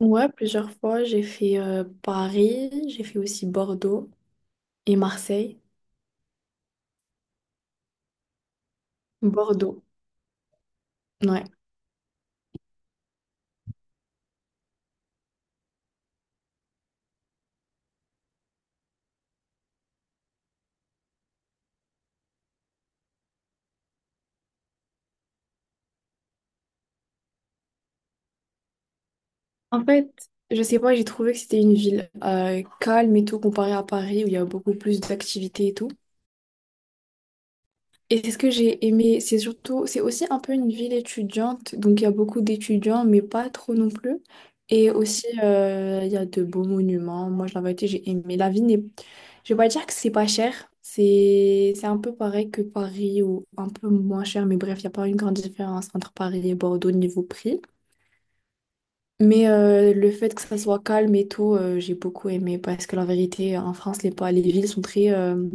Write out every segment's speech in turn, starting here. Ouais, plusieurs fois, j'ai fait Paris, j'ai fait aussi Bordeaux et Marseille. Bordeaux, ouais. En fait, je sais pas, j'ai trouvé que c'était une ville calme et tout comparé à Paris où il y a beaucoup plus d'activités et tout. Et c'est ce que j'ai aimé, c'est surtout, c'est aussi un peu une ville étudiante, donc il y a beaucoup d'étudiants, mais pas trop non plus. Et aussi, il y a de beaux monuments. Moi, je la vérité, j'ai aimé. La ville n'est, je vais pas dire que c'est pas cher, c'est un peu pareil que Paris ou un peu moins cher, mais bref, il n'y a pas une grande différence entre Paris et Bordeaux niveau prix. Mais le fait que ça soit calme et tout, j'ai beaucoup aimé parce que la vérité, en France, les villes sont très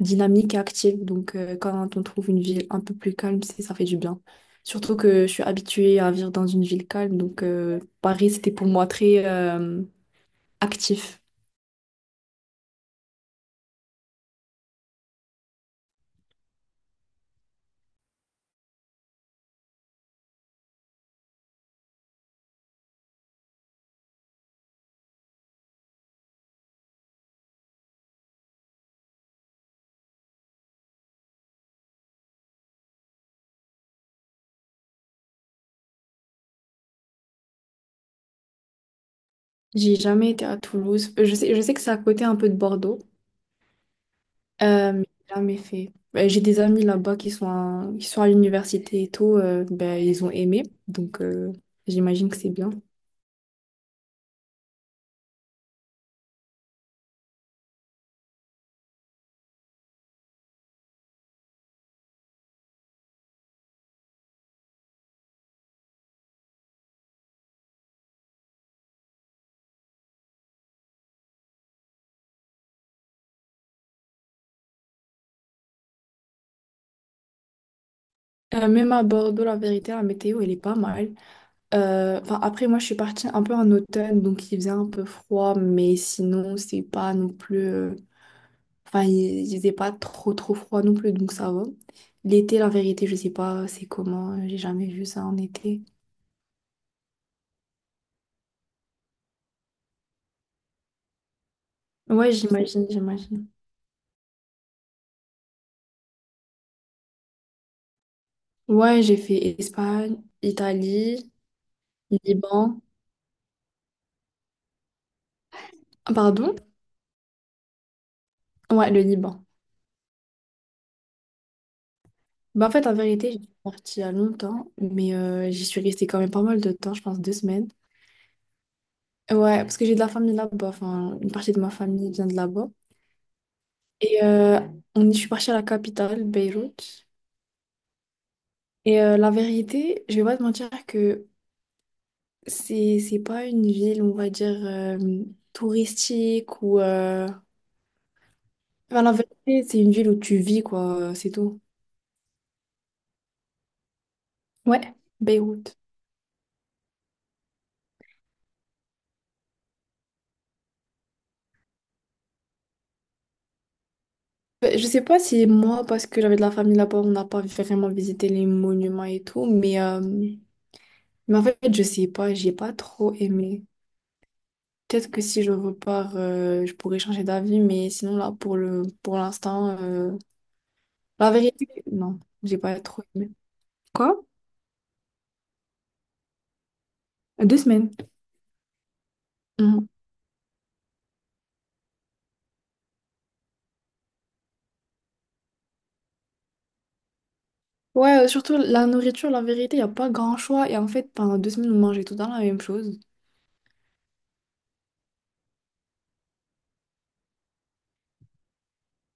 dynamiques et actives. Donc, quand on trouve une ville un peu plus calme, ça fait du bien. Surtout que je suis habituée à vivre dans une ville calme. Donc, Paris, c'était pour moi très actif. J'ai jamais été à Toulouse. Je sais que c'est à côté un peu de Bordeaux, mais j'ai jamais fait. J'ai des amis là-bas qui sont à l'université et tout. Ben, ils ont aimé. Donc, j'imagine que c'est bien. Même à Bordeaux, la vérité, la météo, elle est pas mal. Enfin, après, moi, je suis partie un peu en automne, donc il faisait un peu froid, mais sinon, c'est pas non plus... Enfin, il faisait pas trop, trop froid non plus, donc ça va. L'été, la vérité, je sais pas c'est comment, j'ai jamais vu ça en été. Ouais, j'imagine, j'imagine. Ouais, j'ai fait Espagne, Italie, Liban. Ah, pardon? Ouais, le Liban. Bah, en fait, en vérité, j'étais partie il y a longtemps, mais j'y suis restée quand même pas mal de temps, je pense 2 semaines. Ouais, parce que j'ai de la famille là-bas, enfin, une partie de ma famille vient de là-bas. Et je suis partie à la capitale, Beyrouth. Et la vérité, je vais pas te mentir que c'est pas une ville, on va dire, touristique ou... Enfin, la vérité, c'est une ville où tu vis, quoi, c'est tout. Ouais, Beyrouth. Je sais pas si moi, parce que j'avais de la famille là-bas, on n'a pas vraiment visité les monuments et tout, mais en fait, je sais pas, j'ai pas trop aimé. Peut-être que si je repars, je pourrais changer d'avis, mais sinon là, pour l'instant, la vérité, non, j'ai pas trop aimé. Quoi? 2 semaines. Mhm. Ouais, surtout la nourriture, la vérité, il n'y a pas grand choix. Et en fait, pendant 2 semaines, on mangeait tout le temps la même chose.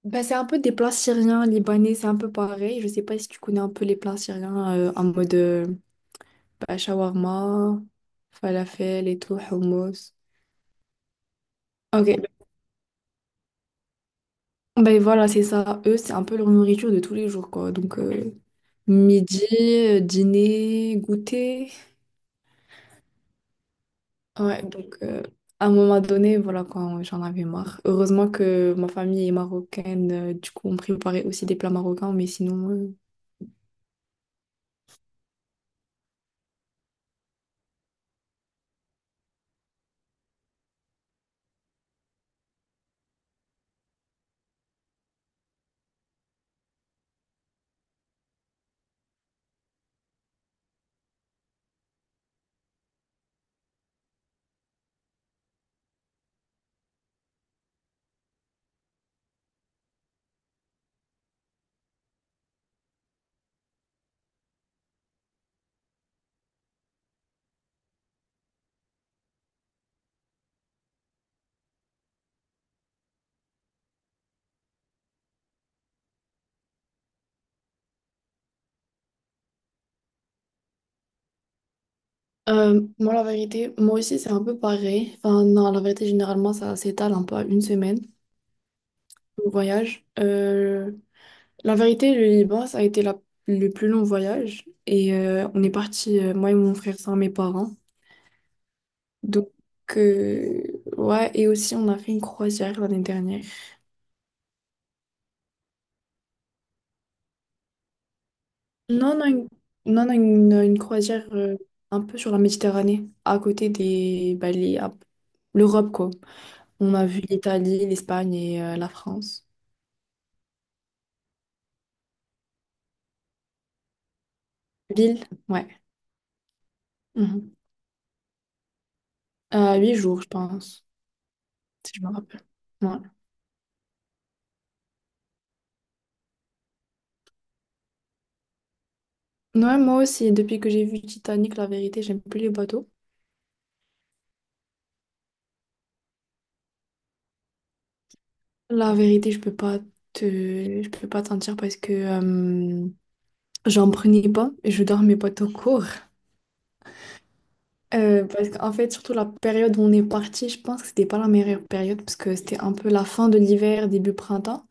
Ben, c'est un peu des plats syriens, libanais, c'est un peu pareil. Je sais pas si tu connais un peu les plats syriens en mode ben, shawarma, falafel et tout, hummus. Ok, ben voilà, c'est ça. Eux, c'est un peu leur nourriture de tous les jours, quoi. Donc, midi, dîner, goûter. Ouais, donc à un moment donné, voilà quoi, j'en avais marre. Heureusement que ma famille est marocaine, du coup on préparait aussi des plats marocains, mais sinon... Moi la vérité, moi aussi c'est un peu pareil. Enfin non, la vérité généralement ça s'étale un peu à une semaine, le voyage. La vérité, le Liban, ça a été le plus long voyage. Et on est parti, moi et mon frère sans mes parents. Donc, euh, ouais, et aussi on a fait une croisière l'année dernière. Non, non, une, non, non, une croisière un peu sur la Méditerranée, à côté des, bah, l'Europe, quoi. On a vu l'Italie, l'Espagne et la France. Lille, ouais. Mhm. 8 jours, je pense, si je me rappelle. Ouais. Ouais, moi aussi, depuis que j'ai vu Titanic, la vérité, j'aime plus les bateaux. La vérité, te, je peux pas te mentir parce que j'en prenais pas et je dormais pas tout court. Parce qu'en fait, surtout la période où on est parti, je pense que c'était pas la meilleure période parce que c'était un peu la fin de l'hiver, début printemps.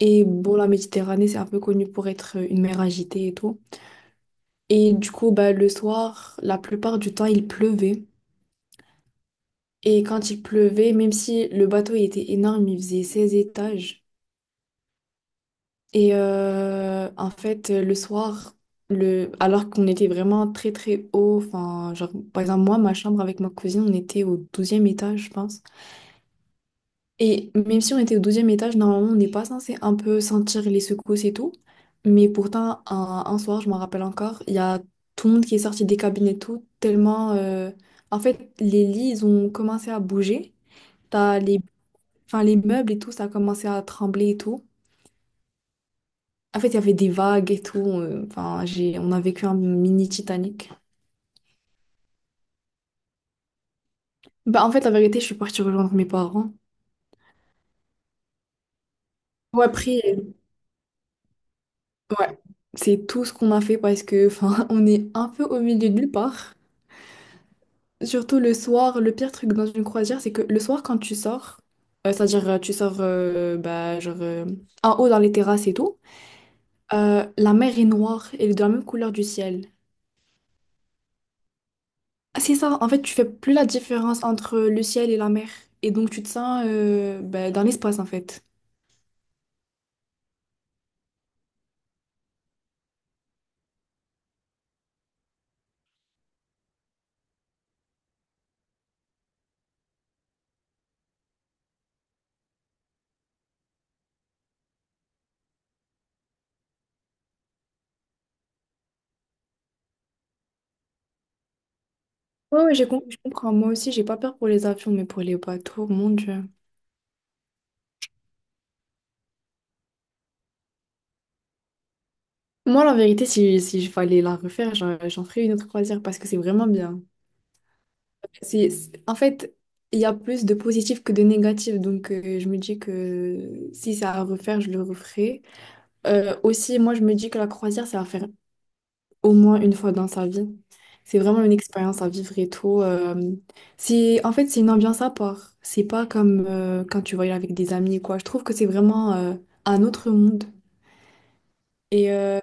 Et bon, la Méditerranée, c'est un peu connu pour être une mer agitée et tout. Et du coup, bah, le soir, la plupart du temps, il pleuvait. Et quand il pleuvait, même si le bateau il était énorme, il faisait 16 étages. Et en fait, le soir, alors qu'on était vraiment très très haut, enfin, genre, par exemple, moi, ma chambre avec ma cousine, on était au 12e étage, je pense. Et même si on était au douzième étage, normalement, on n'est pas censé un peu sentir les secousses et tout. Mais pourtant, un soir, je m'en rappelle encore, il y a tout le monde qui est sorti des cabines et tout, tellement... En fait, les lits, ils ont commencé à bouger. T'as les... Enfin, les meubles et tout, ça a commencé à trembler et tout. En fait, il y avait des vagues et tout. Enfin, On a vécu un mini Titanic. Bah, en fait, la vérité, je suis partie rejoindre mes parents. Ouais, après, ouais, c'est tout ce qu'on a fait parce que, enfin, on est un peu au milieu de nulle part. Surtout le soir, le pire truc dans une croisière, c'est que le soir, quand tu sors, c'est-à-dire tu sors bah, genre, en haut dans les terrasses et tout, la mer est noire, elle est de la même couleur du ciel. Ah, c'est ça, en fait, tu fais plus la différence entre le ciel et la mer. Et donc, tu te sens bah, dans l'espace, en fait. Ouais, ouais, je comprends. Moi aussi, j'ai pas peur pour les avions, mais pour les bateaux, mon Dieu. Moi, la vérité, si je fallait la refaire, j'en ferais une autre croisière parce que c'est vraiment bien. En fait, il y a plus de positif que de négatif. Donc, je me dis que si c'est à refaire, je le referai. Aussi, moi, je me dis que la croisière, c'est à faire au moins une fois dans sa vie. C'est vraiment une expérience à vivre et tout. En fait, c'est une ambiance à part. C'est pas comme quand tu voyages avec des amis, quoi. Je trouve que c'est vraiment un autre monde. Et euh,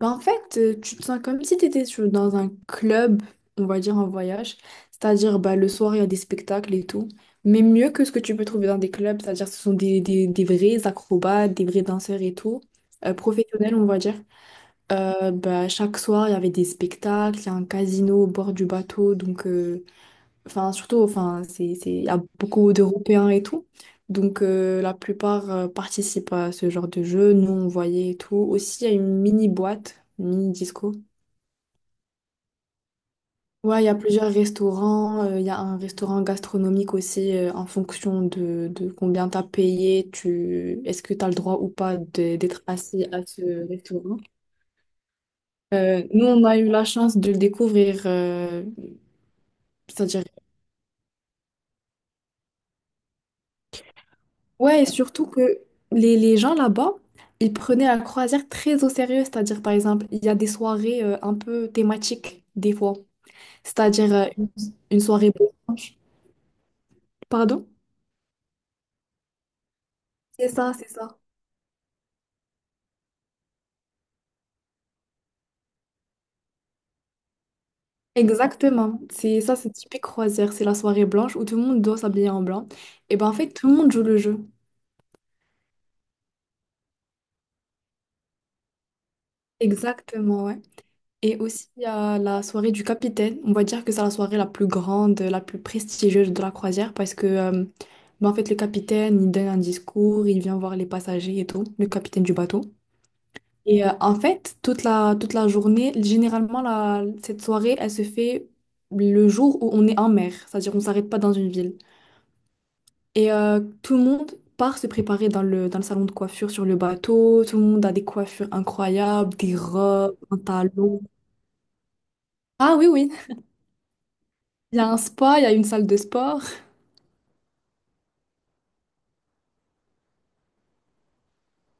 Bah, en fait, tu te sens comme si tu étais dans un club, on va dire en voyage. C'est-à-dire, bah, le soir, il y a des spectacles et tout. Mais mieux que ce que tu peux trouver dans des clubs, c'est-à-dire ce sont des vrais acrobates, des vrais danseurs et tout, professionnels, on va dire. Bah, chaque soir, il y avait des spectacles, il y a un casino au bord du bateau, donc enfin, surtout, enfin, il y a beaucoup d'Européens et tout. Donc, la plupart participent à ce genre de jeu. Nous, on voyait et tout. Aussi, il y a une mini boîte, une mini disco. Ouais, il y a plusieurs restaurants. Il y a un restaurant gastronomique aussi en fonction de combien tu as payé. Est-ce que tu as le droit ou pas d'être assis à ce restaurant? Nous, on a eu la chance de le découvrir, c'est-à-dire. Ouais, et surtout que les gens là-bas, ils prenaient la croisière très au sérieux. C'est-à-dire, par exemple, il y a des soirées un peu thématiques, des fois. C'est-à-dire une soirée blanche. Pardon? C'est ça, c'est ça. Exactement. C'est ça, c'est typique croisière. C'est la soirée blanche où tout le monde doit s'habiller en blanc. Et ben en fait, tout le monde joue le jeu. Exactement, ouais. Et aussi, il y a la soirée du capitaine. On va dire que c'est la soirée la plus grande, la plus prestigieuse de la croisière parce que, bah, en fait, le capitaine, il donne un discours, il vient voir les passagers et tout, le capitaine du bateau. Et en fait, toute la journée, généralement, cette soirée, elle se fait le jour où on est en mer, c'est-à-dire on ne s'arrête pas dans une ville. Et tout le monde part se préparer dans le salon de coiffure sur le bateau. Tout le monde a des coiffures incroyables, des robes, un talon. Ah oui, oui. Il y a un spa, il y a une salle de sport.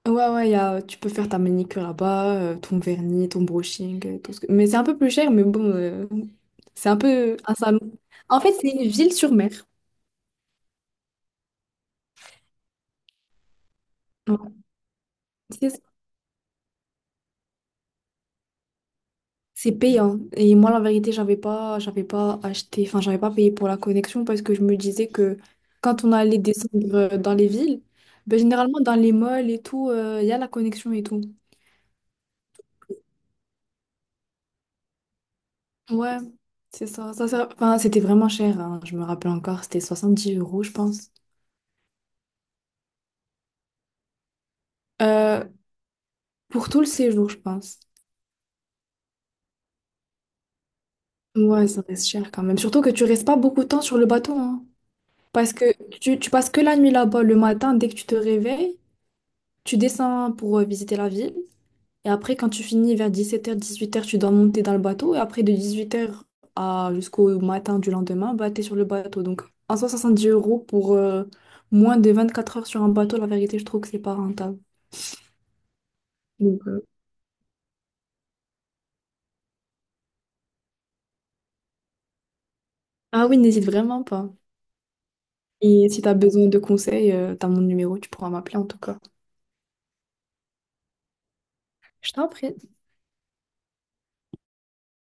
Ouais, ouais, tu peux faire ta manicure là-bas, ton vernis, ton brushing, tout ce que... Mais c'est un peu plus cher, mais bon, c'est un peu un salon. En fait, c'est une ville sur mer. Ouais, c'est C'est payant. Et moi, la vérité, j'avais pas acheté, enfin, j'avais pas payé pour la connexion parce que je me disais que quand on allait descendre dans les villes, ben, généralement, dans les malls et tout, il y a la connexion et tout. Ouais, c'est ça. Enfin, c'était vraiment cher, hein, je me rappelle encore, c'était 70 euros, je pense. Euh, pour tout le séjour, je pense. Ouais, ça reste cher quand même. Surtout que tu restes pas beaucoup de temps sur le bateau, hein. Parce que tu passes que la nuit là-bas. Le matin, dès que tu te réveilles, tu descends pour visiter la ville. Et après, quand tu finis vers 17h, 18h, tu dois monter dans le bateau. Et après, de 18h à jusqu'au matin du lendemain, bah, t'es sur le bateau. Donc, en soi, 10 euros pour moins de 24 heures sur un bateau, la vérité, je trouve que c'est pas rentable. Donc, ah oui, n'hésite vraiment pas. Et si tu as besoin de conseils, tu as mon numéro, tu pourras m'appeler en tout cas. Je t'en prie.